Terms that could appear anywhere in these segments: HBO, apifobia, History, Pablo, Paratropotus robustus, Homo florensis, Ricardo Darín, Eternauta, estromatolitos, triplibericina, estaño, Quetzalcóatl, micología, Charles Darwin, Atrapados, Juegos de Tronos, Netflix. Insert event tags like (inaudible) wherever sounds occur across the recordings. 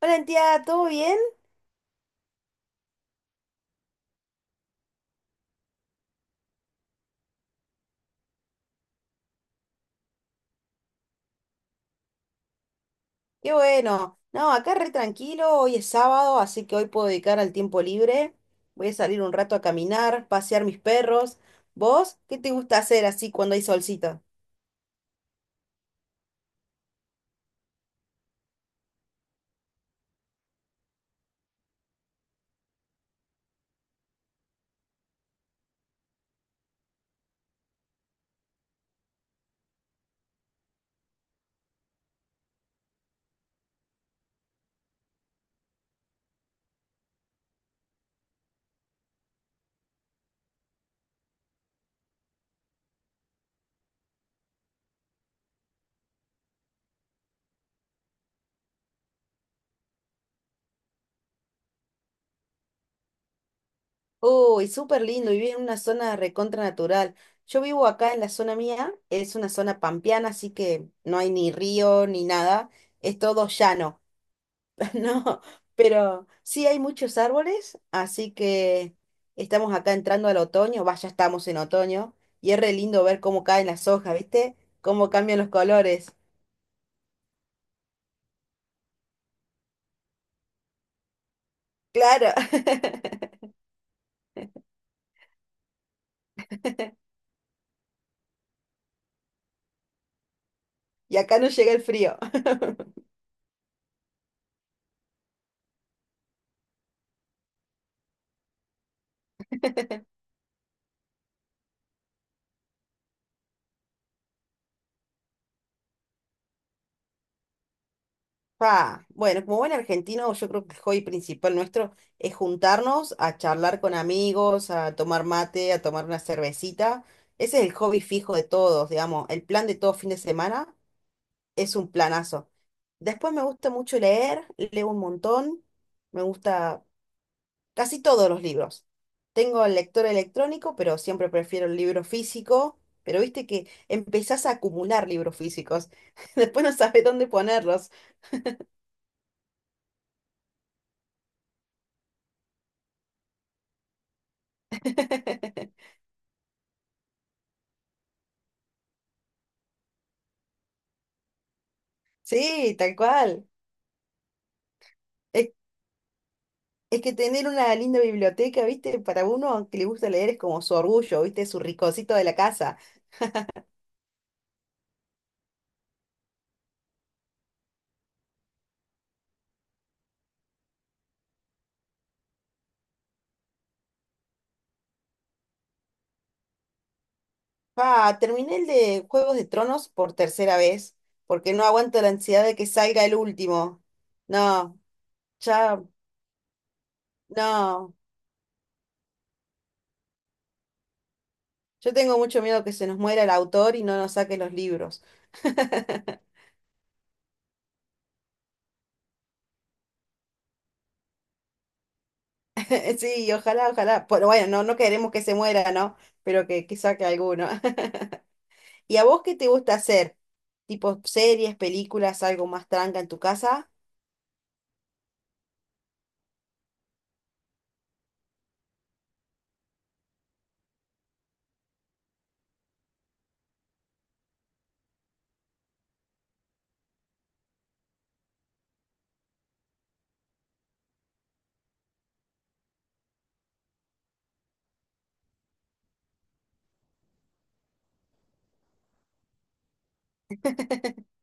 Hola, Antía, ¿todo bien? Qué bueno. No, acá re tranquilo, hoy es sábado, así que hoy puedo dedicar al tiempo libre. Voy a salir un rato a caminar, pasear mis perros. ¿Vos qué te gusta hacer así cuando hay solcito? Uy, súper lindo, vivís en una zona recontra natural. Yo vivo acá en la zona mía, es una zona pampeana, así que no hay ni río ni nada, es todo llano. (laughs) No, pero sí hay muchos árboles, así que estamos acá entrando al otoño, vaya, ya estamos en otoño, y es re lindo ver cómo caen las hojas, ¿viste? Cómo cambian los colores. Claro, (laughs) y acá no llega el frío. Pa, bueno, como buen argentino, yo creo que el hobby principal nuestro es juntarnos a charlar con amigos, a tomar mate, a tomar una cervecita. Ese es el hobby fijo de todos, digamos, el plan de todo fin de semana es un planazo. Después me gusta mucho leer, leo un montón, me gusta casi todos los libros. Tengo el lector electrónico, pero siempre prefiero el libro físico, pero viste que empezás a acumular libros físicos, (laughs) después no sabes dónde ponerlos. (laughs) Sí, tal cual. Es, es que tener una linda biblioteca, viste, para uno que le gusta leer es como su orgullo, viste, su ricocito de la casa. Ah, terminé el de Juegos de Tronos por tercera vez, porque no aguanto la ansiedad de que salga el último. No, ya, no. Yo tengo mucho miedo que se nos muera el autor y no nos saque los libros. (laughs) Sí, ojalá, ojalá. Pero bueno, no, no queremos que se muera, ¿no? Pero que saque alguno. (laughs) ¿Y a vos qué te gusta hacer? ¿Tipo series, películas, algo más tranca en tu casa? (laughs)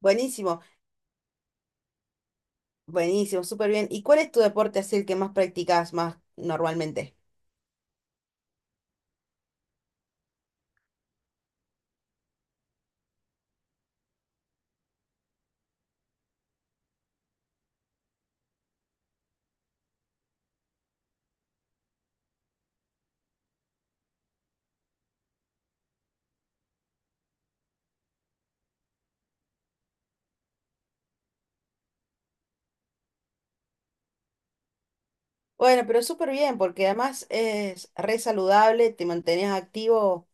Buenísimo, buenísimo, súper bien. ¿Y cuál es tu deporte así el que más practicás más normalmente? Bueno, pero súper bien, porque además es re saludable, te mantenías activo.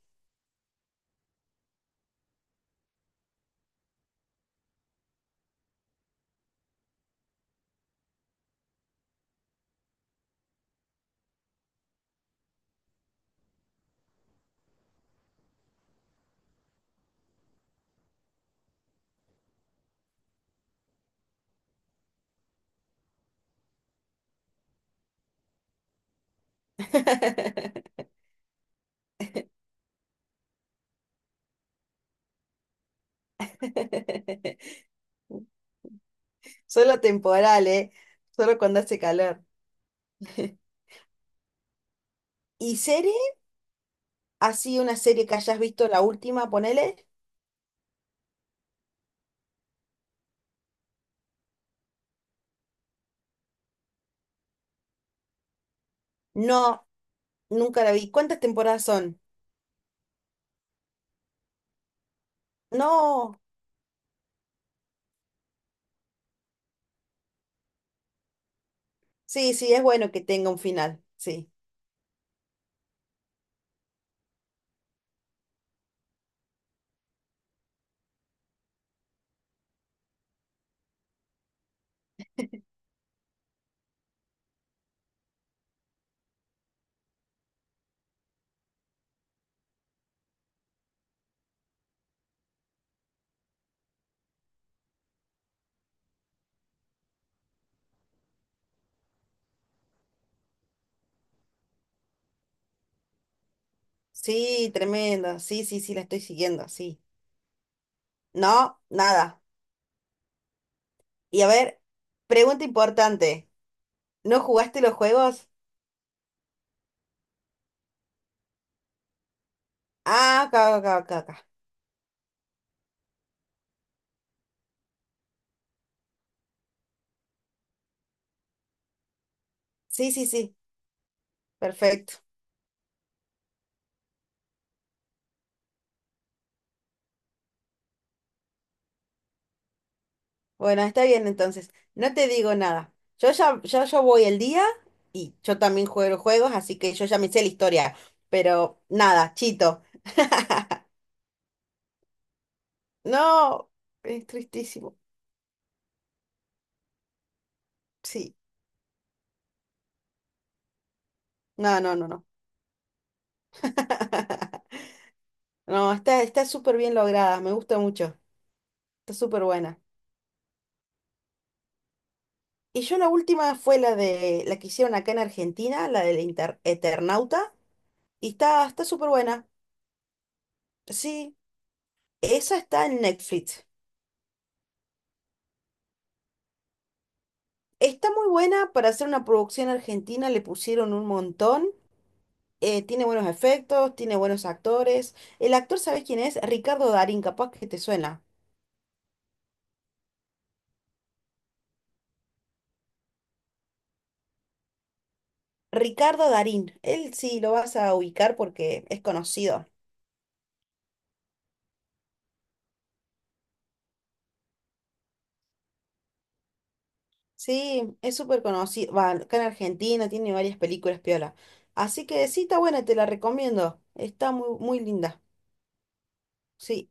(laughs) Solo temporal, ¿eh? Solo cuando hace calor. (laughs) ¿Y serie? ¿Así una serie que hayas visto la última, ponele? No, nunca la vi. ¿Cuántas temporadas son? No. Sí, sí, es bueno que tenga un final. Sí. Sí, tremendo. Sí, sí, sí, la estoy siguiendo. Sí. No, nada. Y a ver, pregunta importante. ¿No jugaste los juegos? Ah, acá, acá, acá, acá. Sí, sí, sí, perfecto. Bueno, está bien entonces. No te digo nada. Yo ya, yo voy el día y yo también juego juegos, así que yo ya me sé la historia. Pero nada, chito. (laughs) No, es tristísimo. Sí. No, no, no, no. (laughs) No, está, está súper bien lograda, me gusta mucho. Está súper buena. Y yo la última fue la de la que hicieron acá en Argentina, la del Inter- Eternauta, y está, está súper buena. Sí, esa está en Netflix. Está muy buena para hacer una producción argentina, le pusieron un montón. Eh, tiene buenos efectos, tiene buenos actores. El actor, ¿sabes quién es? Ricardo Darín, capaz que te suena. Ricardo Darín, él sí lo vas a ubicar porque es conocido. Sí, es súper conocido. Va, acá en Argentina tiene varias películas piola. Así que sí, está buena, te la recomiendo. Está muy, muy linda. Sí,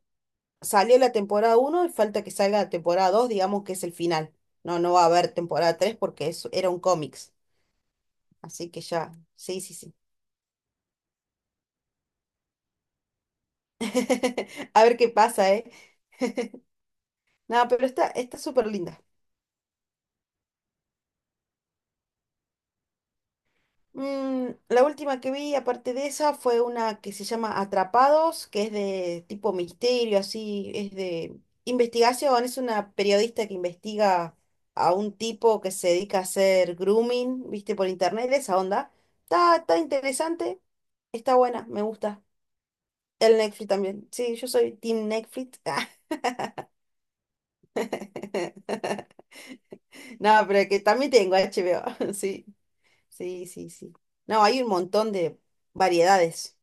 salió la temporada uno y falta que salga la temporada 2 digamos que es el final. No, no va a haber temporada 3 porque eso era un cómics. Así que ya, sí, sí, sí. (laughs) A ver qué pasa, ¿eh? No, pero está, está súper linda. La última que vi, aparte de esa, fue una que se llama Atrapados, que es de tipo misterio, así, es de investigación. Es una periodista que investiga a un tipo que se dedica a hacer grooming, viste, por internet, esa onda. Está, está interesante, está buena, me gusta. El Netflix también. Sí, yo soy Team Netflix. (laughs) No, pero que también tengo HBO. (laughs) Sí, sí, sí, sí. No, hay un montón de variedades.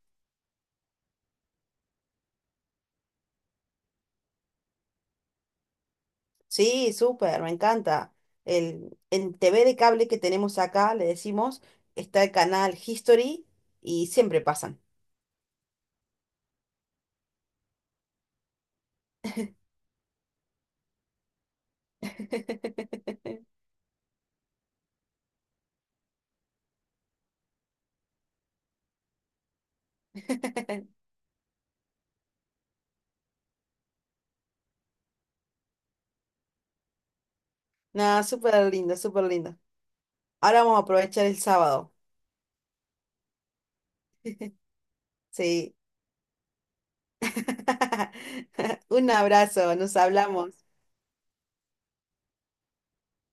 Sí, súper, me encanta. El, en TV de cable que tenemos acá, le decimos, está el canal History y siempre pasan. (laughs) No, súper lindo, súper lindo. Ahora vamos a aprovechar el sábado. Sí. (laughs) Un abrazo, nos hablamos.